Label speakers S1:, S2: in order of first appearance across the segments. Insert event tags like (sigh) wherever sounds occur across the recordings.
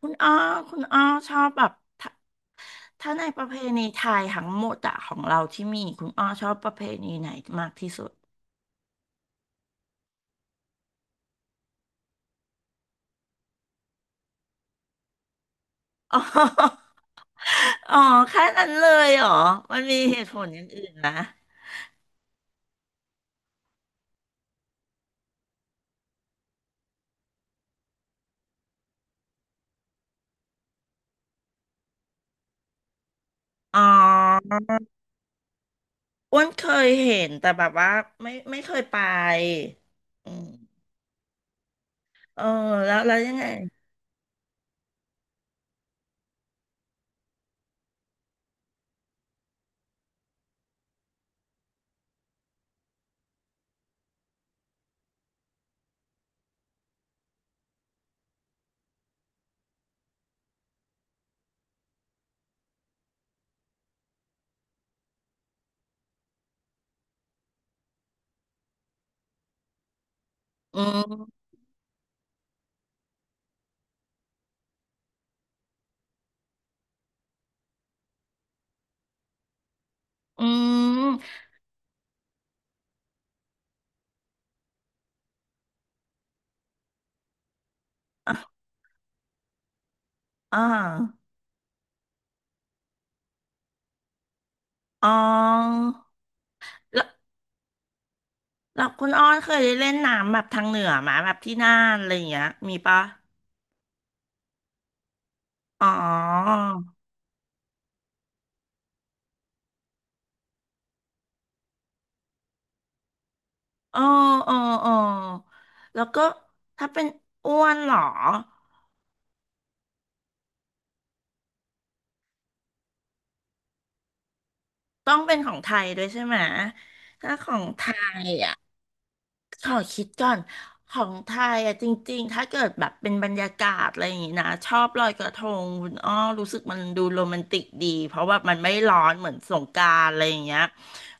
S1: คุณอ้อคุณอ้อชอบแบบถ้าถ้าในประเพณีไทยทั้งหมดอะของเราที่มีคุณอ้อชอบประเพณีไหนมากที่สุดอ๋อ (laughs) อ๋อแค่นั้นเลยเหรอมันมีเหตุผลอย่างอื่นนะอ๋ออ้วนเคยเห็นแต่แบบว่าไม่เคยไปอืมเออแล้วยังไงอืมอืมอ่ะอาอ๋อแล้วแล้วคุณอ้อเคยได้เล่นน้ำแบบทางเหนือไหมาแบบที่น่านอะไรอย่างเงี้ยมีปะ อ๋อเออเออเออแล้วก็ถ้าเป็นอ้วนเหรอต้องเป็นของไทยด้วยใช่ไหมถ้าของไทย ขอคิดก่อนของไทยอะจริงๆ ถ้าเกิดแบบเป็นบรรยากาศอะไรอย่างงี้นะชอบลอยกระทงคุณอ้อรู้สึกมันดูโรแมนติกดีเพราะว่ามันไม่ร้อนเหมือนสงกรานต์อะไรอย่างเงี้ย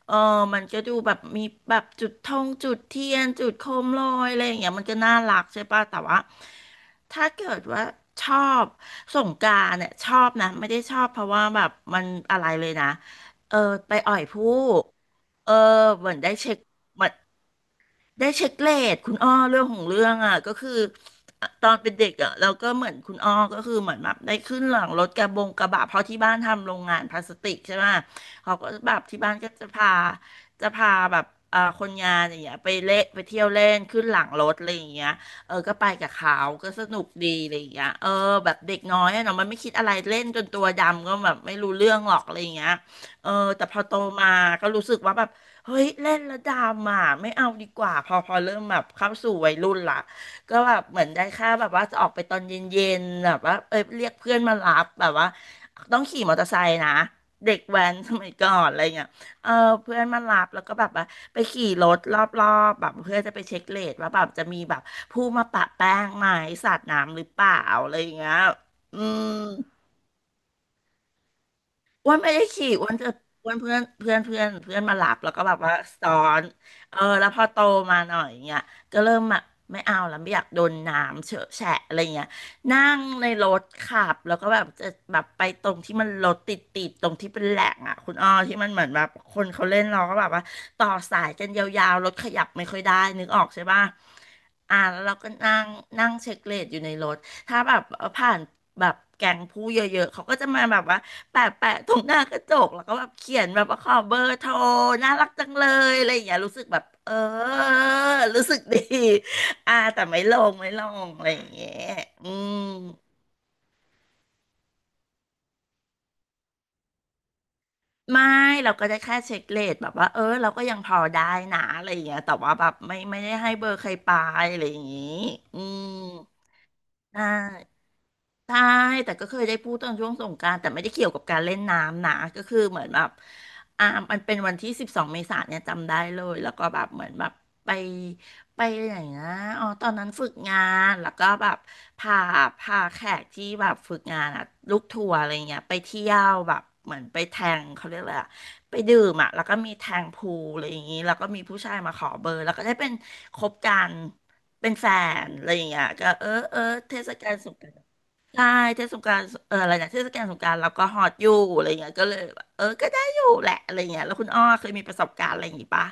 S1: เออมันก็ดูแบบมีแบบจุดธงจุดเทียนจุดโคมลอยอะไรอย่างเงี้ยมันก็น่ารักใช่ป่ะแต่ว่าถ้าเกิดว่าชอบสงกรานต์เนี่ยชอบนะไม่ได้ชอบเพราะว่าแบบมันอะไรเลยนะเออไปอ่อยผู้เออเหมือนได้เช็ค ได้เช็คเลทคุณอ้อเรื่องของเรื่องอ่ะก็คืออ่ะตอนเป็นเด็กอ่ะเราก็เหมือนคุณอ้อก็คือเหมือนแบบได้ขึ้นหลังรถกระบะเพราะที่บ้านทำโรงงานพลาสติกใช่ไหมเขาก็แบบที่บ้านก็จะพาแบบอ่าคนงานอย่างเงี้ยไปเล่นไปเที่ยวเล่นขึ้นหลังรถอะไรอย่างเงี้ยเออก็ไปกับเขาก็สนุกดีอะไรอย่างเงี้ยเออแบบเด็กน้อยอะเนาะมันไม่คิดอะไรเล่นจนตัวดำก็แบบไม่รู้เรื่องหรอกอะไรอย่างเงี้ยเออแต่พอโตมาก็รู้สึกว่าแบบ เฮ้ยเล่นแล้วดอ่ะไม่เอาดีกว่าพอเริ่มแบบเข้าสู่วัยรุ่นละก็แบบเหมือนได้แค่แบบว่าจะออกไปตอนเย็นๆแบบว่าเออเรียกเพื่อนมารับแบบว่าต้องขี่มอเตอร์ไซค์นะเด็กแว้นสมัยก่อนอะไรเงี้ยเออเพื่อนมารับแล้วก็แบบว่าไปขี่รถรอบๆแบบเพื่อจะไปเช็คเรทว่าแบบจะมีแบบผู้มาปะแป้งไหมสาดน้ำหรือเปล่าอะไรอย่างเงี้ยอืม อ้วนไม่ได้ขี่อ้วนจะอ้วนเพื่อนเพื่อนเพื่อนเพื่อนมาหลับแล้วก็แบบว่าสอนเออแล้วพอโตมาหน่อยเงี้ยก็เริ่มแบบไม่เอาแล้วไม่อยากโดนน้ำเฉอะแฉะอะไรเงี้ยนั่งในรถขับแล้วก็แบบจะแบบไปตรงที่มันรถติดตรงที่เป็นแหล่งอ่ะคุณอ้อที่มันเหมือนแบบคนเขาเล่นเราก็แบบว่าต่อสายกันยาวๆรถขยับไม่ค่อยได้นึกออกใช่ป่ะอ่าแล้วเราก็นั่งนั่งเช็คเรทอยู่ในรถถ้าแบบผ่านแบบแก๊งผู้เยอะๆเขาก็จะมาแบบว่า แปะตรงหน้ากระจกแล้วก็แบบเขียนแบบว่าขอเบอร์โทรน่ารักจังเลยอะไรอย่างเงี้ยรู้สึกแบบเออรู้สึกดี (laughs) อ่าแต่ไม่ลงอะไรอย่างเงี้ยอืมไม่เราก็ได้แค่เช็คเรทแบบว่าเออเราก็ยังพอได้นะอะไรอย่างเงี้ยแต่ว่าแบบไม่ได้ให้เบอร์ใครไปอะไรอย่างงี้อืม ได้ใช่แต่ก็เคยได้พูดตอนช่วงสงกรานต์แต่ไม่ได้เกี่ยวกับการเล่นน้ำนะ ก็คือเหมือนแบบอ่ามันเป็นวันที่12เมษายนเนี่ยจำได้เลย แล้วก็แบบเหมือนแบบไปไปไหนนะอ๋อตอนนั้นฝึกงานแล้วก็แบบพาพาแขกที่แบบฝึกงานอะลูกทัวร์อะไรเงี้ยไปเที่ยวแบบเหมือนไปแทงเขาเรียกอะไรอะ ไปดื่มอ่ะแล้วก็มีแทงพูลอะไรอย่างนี้แล้วก็มีผู้ชายมาขอเบอร์แล้วก็ได้เป็นคบกันเป็นแฟนอะไรอย่างเงี้ยก็เออเออเทศกาลสงกรานต์ใช่เทศกาลเอออะไรนะเทศกาลสงกรานต์เราก็ฮอตอยู่อะไรอย่างเงี้ยก็เลยแบบเออก็ได้อยู่แหละอะไรอย่างเงี้ยแล้วคุณอ้อเคยมีประสบการณ์อะไรอย่างงี้ปะ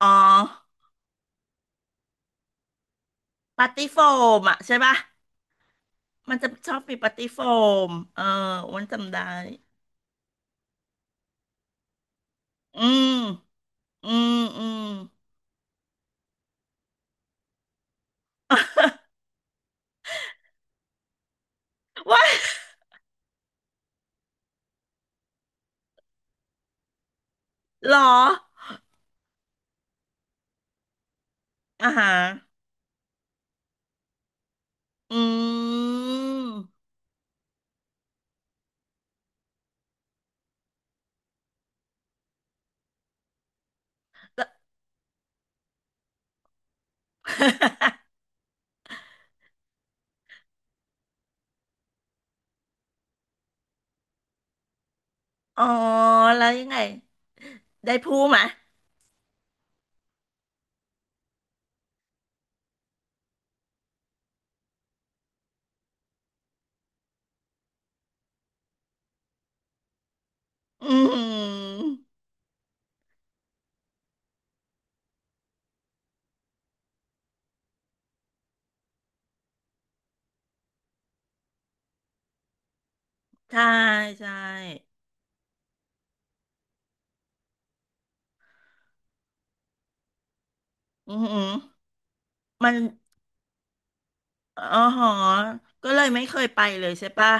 S1: อ๋อปาร์ตี้โฟมอ่ะใช่ปะมันจะชอบมีปาร์ตี้โฟมเอออ้วันจำได้อืมอืมอืมว่าหรออ่าฮะอืม (laughs) แล้ว (laughs) อ๋อแล้วยังไงได้พูดไหมอืมใช่ใช่อืมมันอ๋อหอก็เลยไม่เคยไปเลยใช่ปะ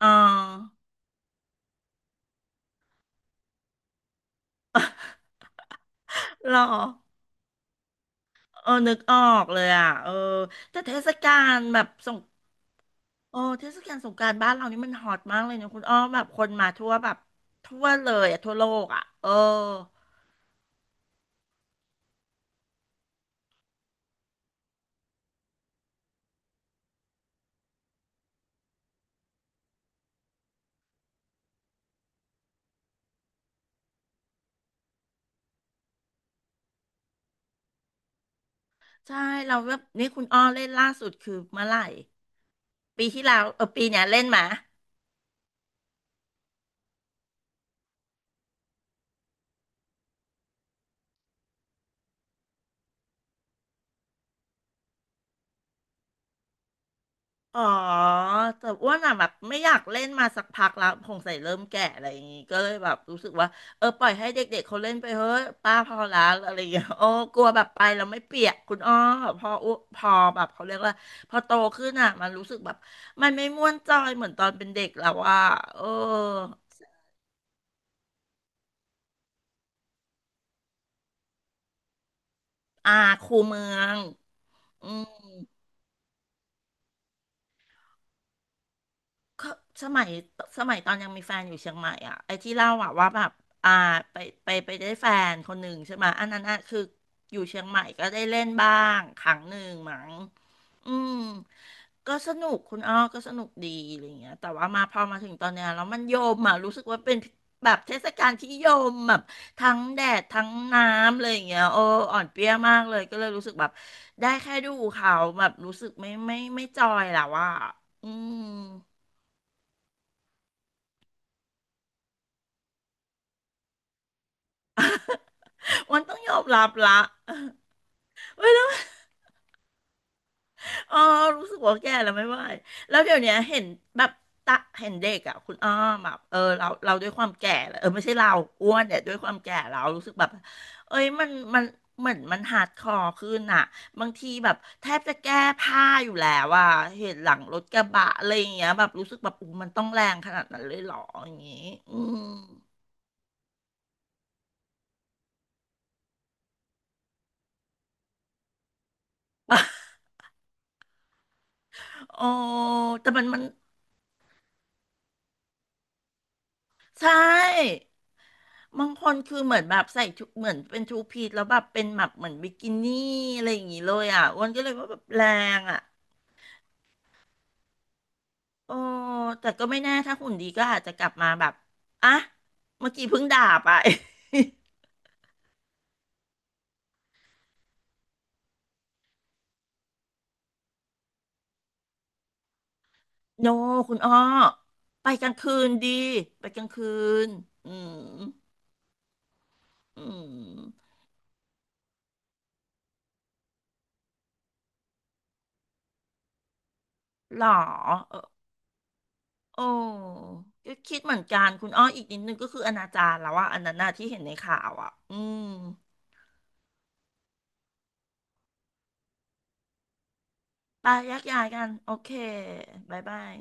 S1: อ๋อหรอเออนึกออกเลยอ่ะเออแต่เทศกาลแบบสงโอ้เทศกาลสงกรานต์บ้านเรานี่มันฮอตมากเลยนะคุณอ้อแบบคนมาทั่วแบบทั่วเลยอ่ะทั่วโลกอ่ะเออใช่เราแบบนี่คุณอ้อเล่นล่าสุดคือเมื่อไหร่ปีที่แล้วเออปีเนี้ยเล่นมา อ๋อแต่อ้วนอ่ะแบบไม่อยากเล่นมาสักพักแล้วคงใส่เริ่มแก่อะไรอย่างงี้ก็เลยแบบรู้สึกว่าเออปล่อยให้เด็กๆเขาเล่นไปเฮ้ยป้าพอละอะไรอย่างเงี้ย (laughs) โอ้กลัวแบบไปแล้วไม่เปียกคุณอ้อพอแบบเขาเรียกว่าพอโตขึ้นอ่ะมันรู้สึกแบบมันไม่ม่วนจอยเหมือนตอนเป็นเด็กแล้วอ่ะเอออาครูเมืองอืม ก็สมัยสมัยตอนยังมีแฟนอยู่เชียงใหม่อ่ะไอ้ที่เล่าอ่ะว่าแบบอ่าไปไปได้แฟนคนหนึ่งใช่ไหมยอันนั้นอ่ะคืออยู่เชียงใหม่ก็ได้เล่นบ้างครั้งหนึ่งมั้งอืมก็สนุกคุณอ้อก็สนุกดีอะไรเงี้ยแต่ว่ามาพอมาถึงตอนเนี้ยแล้วมันโยมอ่ะรู้สึกว่าเป็นแบบเทศกาลที่โยมแบบทั้งแดดทั้งน้ำเลยอย่างเงี้ยโอ้อ่อนเปรี้ยมากเลยก็เลยรู้สึกแบบได้แค่ดูเขาแบบรู้สึกไม่จอยแล้วว่าอืม วันต้องยอมรับละ (laughs) ไม่ได้อ๋อรู้สึกว่าแก่แล้วไม่ไหวแล้วเดี๋ยวเนี้ยเห็นแบบตะเห็นเด็กอ่ะคุณอ้อมแบบเออเราด้วยความแก่แล้วเออไม่ใช่เราอ้วนเนี่ยด้วยความแก่เรารู้สึกแบบเอ้ยมันเหมือนมันฮาร์ดคอร์ขึ้นอ่ะบางทีแบบแทบจะแก้ผ้าอยู่แล้วอ่ะเห็นหลังรถกระบะอะไรอย่างเงี้ยแบบรู้สึกแบบอู้มันต้องแรงขนาดนั้นเลยเหรออย่างงี้อืม (laughs) ออแต่มันใช่ บางคนคือเหมือนแบบใส่ชุดเหมือนเป็นทูพีซแล้วแบบเป็นแบบเหมือนบิกินี่อะไรอย่างงี้เลยอ่ะอ้วนก็เลยว่าแบบแรงอ่ะโอ้แต่ก็ไม่แน่ถ้าหุ่นดีก็อาจจะกลับมาแบบอ่ะเมื่อกี้เพิ่งด่าไป (laughs) โนคุณอ้อไปกลางคืนดีไปกลางคืนอืมอืมหรอเออโอ้ก็คิดเหมือนกันคุณอ้ออีกนิดนึงก็คืออนาจารแล้วว่าอะอันนั้นน่ะที่เห็นในข่าวอ่ะอืม ไปแยกย้ายกันโอเคบ๊ายบาย